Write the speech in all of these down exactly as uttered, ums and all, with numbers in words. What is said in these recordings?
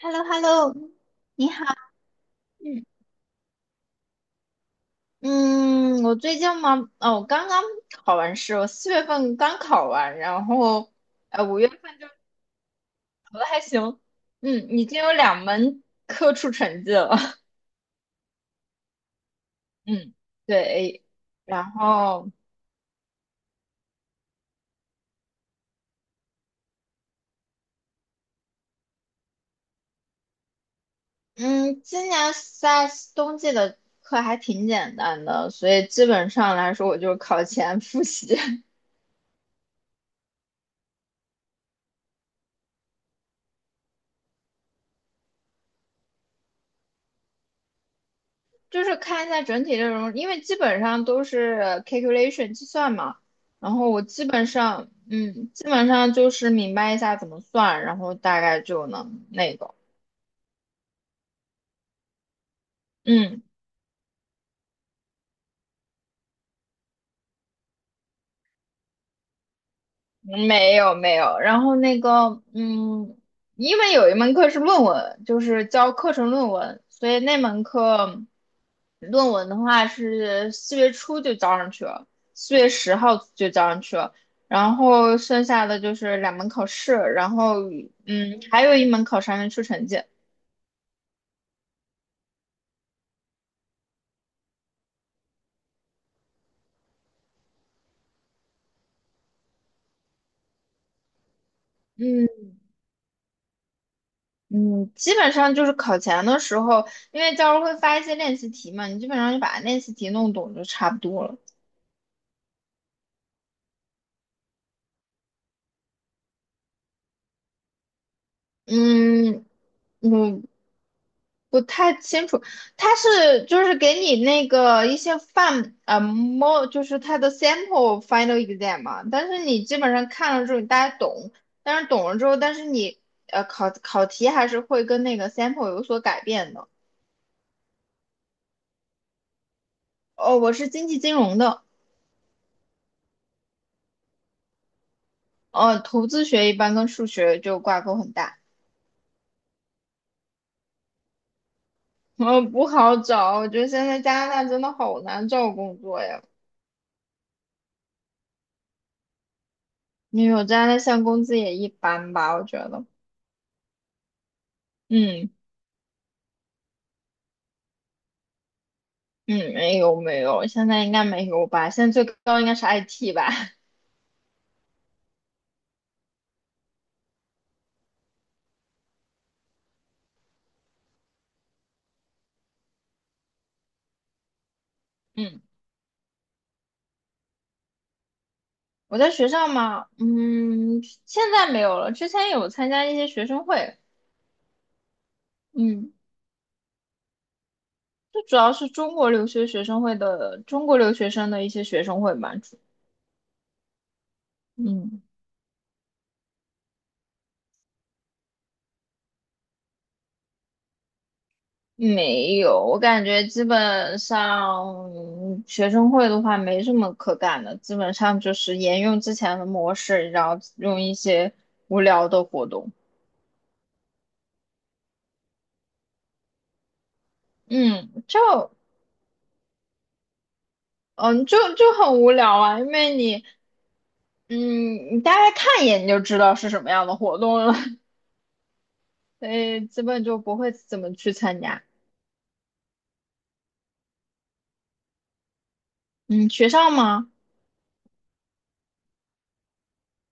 h e l l o h e l l o 你好。嗯，嗯，我最近嘛，哦，我刚刚考完试，我四月份刚考完，然后呃，五月份就考的还行。嗯，已经有两门科出成绩了。嗯，对，然后嗯，今年在冬季的课还挺简单的，所以基本上来说，我就考前复习。就是看一下整体内容，因为基本上都是呃 calculation 计算嘛，然后我基本上，嗯，基本上就是明白一下怎么算，然后大概就能那个，嗯。没有没有，然后那个，嗯，因为有一门课是论文，就是教课程论文，所以那门课论文的话是四月初就交上去了，四月十号就交上去了，然后剩下的就是两门考试，然后嗯，还有一门考试还没出成绩。嗯嗯，基本上就是考前的时候，因为教授会发一些练习题嘛，你基本上就把练习题弄懂就差不多了。嗯，嗯，不太清楚，他是就是给你那个一些范呃 mo 就是他的 sample final exam 嘛，但是你基本上看了之后你大家懂，但是懂了之后，但是你呃考考题还是会跟那个 sample 有所改变的。哦，我是经济金融的，呃，投资学一般跟数学就挂钩很大，呃，不好找，我觉得现在加拿大真的好难找工作呀，因为我加拿大现在工资也一般吧，我觉得，嗯。嗯，没有没有，现在应该没有吧？现在最高应该是 I T 吧？嗯，我在学校嘛，嗯，现在没有了。之前有参加一些学生会，嗯，就主要是中国留学学生会的中国留学生的一些学生会嘛。主嗯，没有，我感觉基本上嗯学生会的话没什么可干的，基本上就是沿用之前的模式，然后用一些无聊的活动。嗯，就嗯，就就很无聊啊，因为你，嗯，你大概看一眼你就知道是什么样的活动了，所以基本就不会怎么去参加。嗯，学校吗？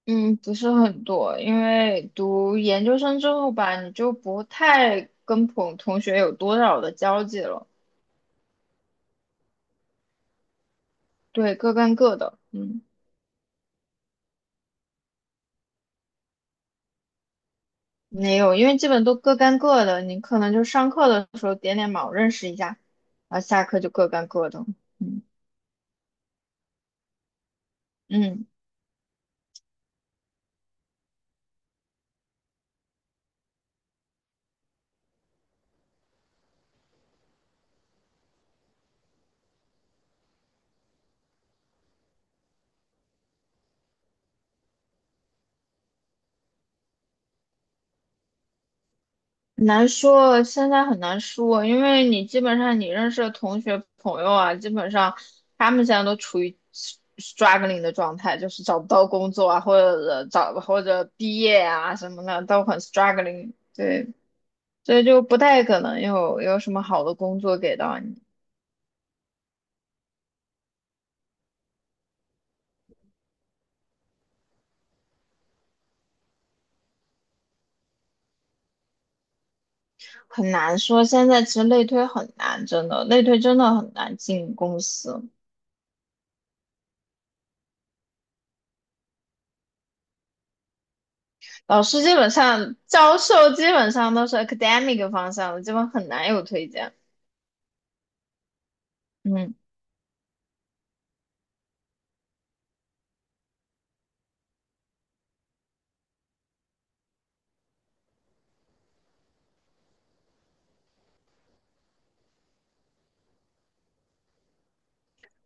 嗯，不是很多，因为读研究生之后吧，你就不太跟朋同学有多少的交际了，对，各干各的，嗯，没有，因为基本都各干各的，你可能就上课的时候点点卯认识一下，然后下课就各干各的，嗯嗯。难说，现在很难说，因为你基本上你认识的同学朋友啊，基本上他们现在都处于 struggling 的状态，就是找不到工作啊，或者找或者毕业啊什么的都很 struggling，对，所以就不太可能有有什么好的工作给到你，很难说。现在其实内推很难，真的，内推真的很难进公司。老师基本上，教授基本上都是 academic 方向的，基本很难有推荐。嗯。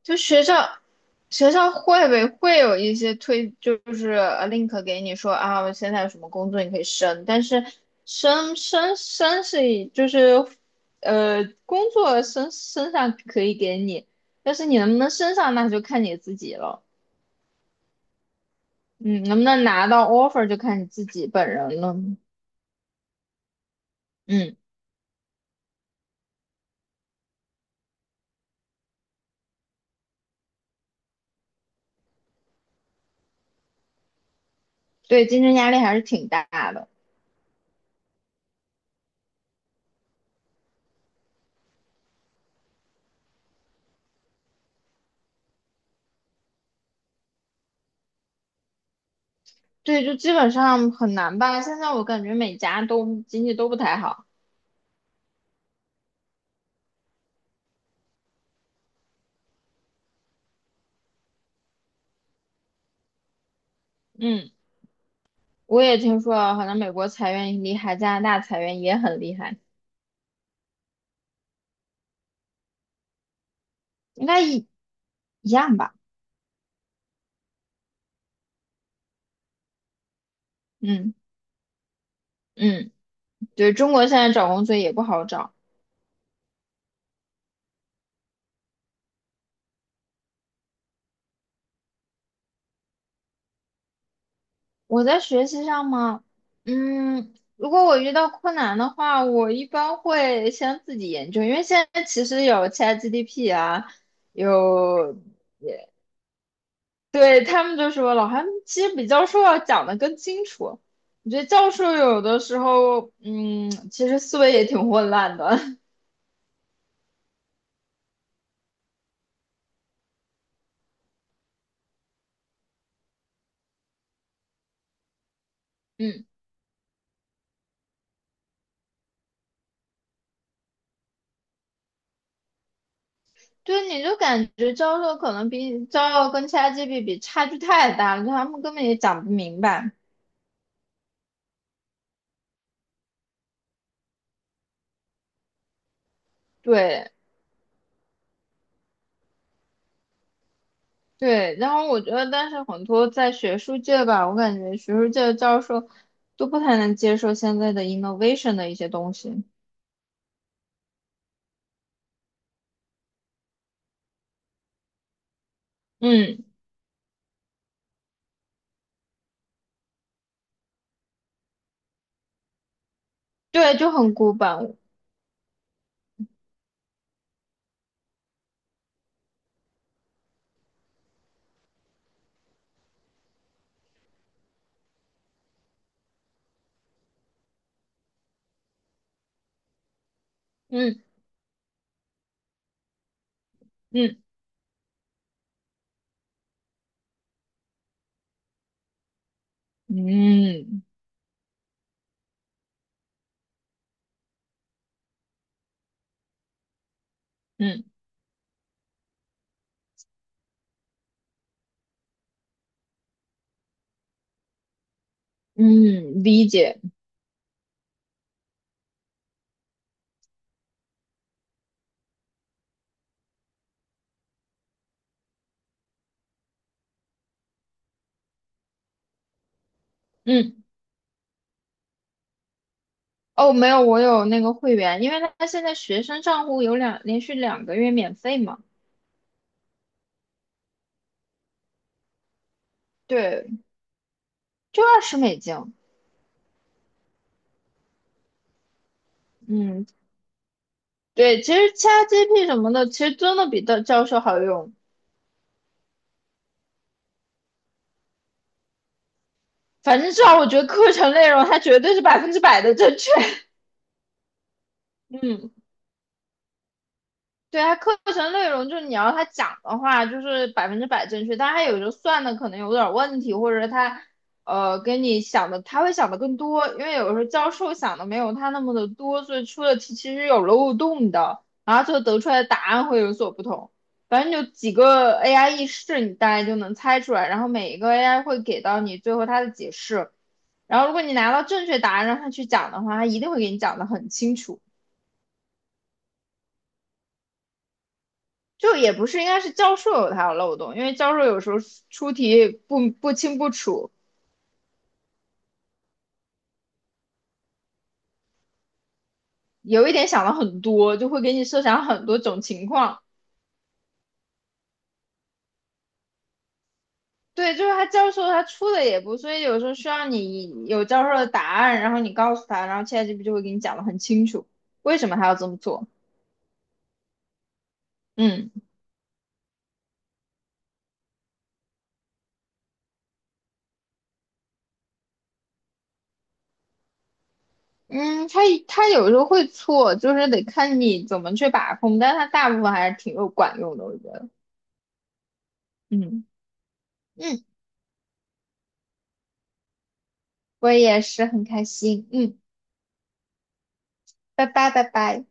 就学校学校会不会会有一些推，就是呃 link 给你说啊，我现在有什么工作你可以升，但是升升升是以就是呃工作升升上可以给你，但是你能不能升上那就看你自己了，嗯，能不能拿到 offer 就看你自己本人了，嗯，对，竞争压力还是挺大的，对，就基本上很难吧，现在我感觉每家都经济都不太好，嗯。我也听说，好像美国裁员很厉害，加拿大裁员也很厉害，应该一一样吧？嗯嗯，对，中国现在找工作也不好找。我在学习上吗？嗯，如果我遇到困难的话，我一般会先自己研究，因为现在其实有 c h a t g p 啊，有，对，他们就说老韩其实比教授要讲的更清楚。我觉得教授有的时候，嗯，其实思维也挺混乱的。嗯对，你就感觉教授可能比教授跟其他 a t g p 比差距太大了，他们根本也讲不明白。对对，然后我觉得，但是很多在学术界吧，我感觉学术界的教授都不太能接受现在的 innovation 的一些东西。嗯，对，就很古板。嗯嗯嗯嗯嗯，理解。嗯，哦，没有，我有那个会员，因为他现在学生账户有两连续两个月免费嘛，对，就二十美金。嗯，对，其实 ChatGPT 什么的，其实真的比的教授好用。反正至少我觉得课程内容它绝对是百分之百的正确。嗯。对它课程内容就是你要他讲的话，就是百分之百正确，但它有时候算的可能有点问题，或者他，呃跟你想的他会想的更多，因为有时候教授想的没有他那么的多，所以出的题其实有漏洞的，然后最后得出来的答案会有所不同。反正就几个 A I 意识，你大概就能猜出来，然后每一个 A I 会给到你最后它的解释，然后如果你拿到正确答案让他去讲的话，他一定会给你讲的很清楚。就也不是，应该是教授有他的漏洞，因为教授有时候出题不不清不楚，有一点想了很多，就会给你设想很多种情况。对，就是他教授他出的也不，所以有时候需要你有教授的答案，然后你告诉他，然后现在这 t 就会给你讲的很清楚，为什么他要这么做。嗯嗯，他他有时候会错，就是得看你怎么去把控，但是他大部分还是挺有管用的，我觉得。嗯嗯，我也是很开心。嗯，拜拜拜拜。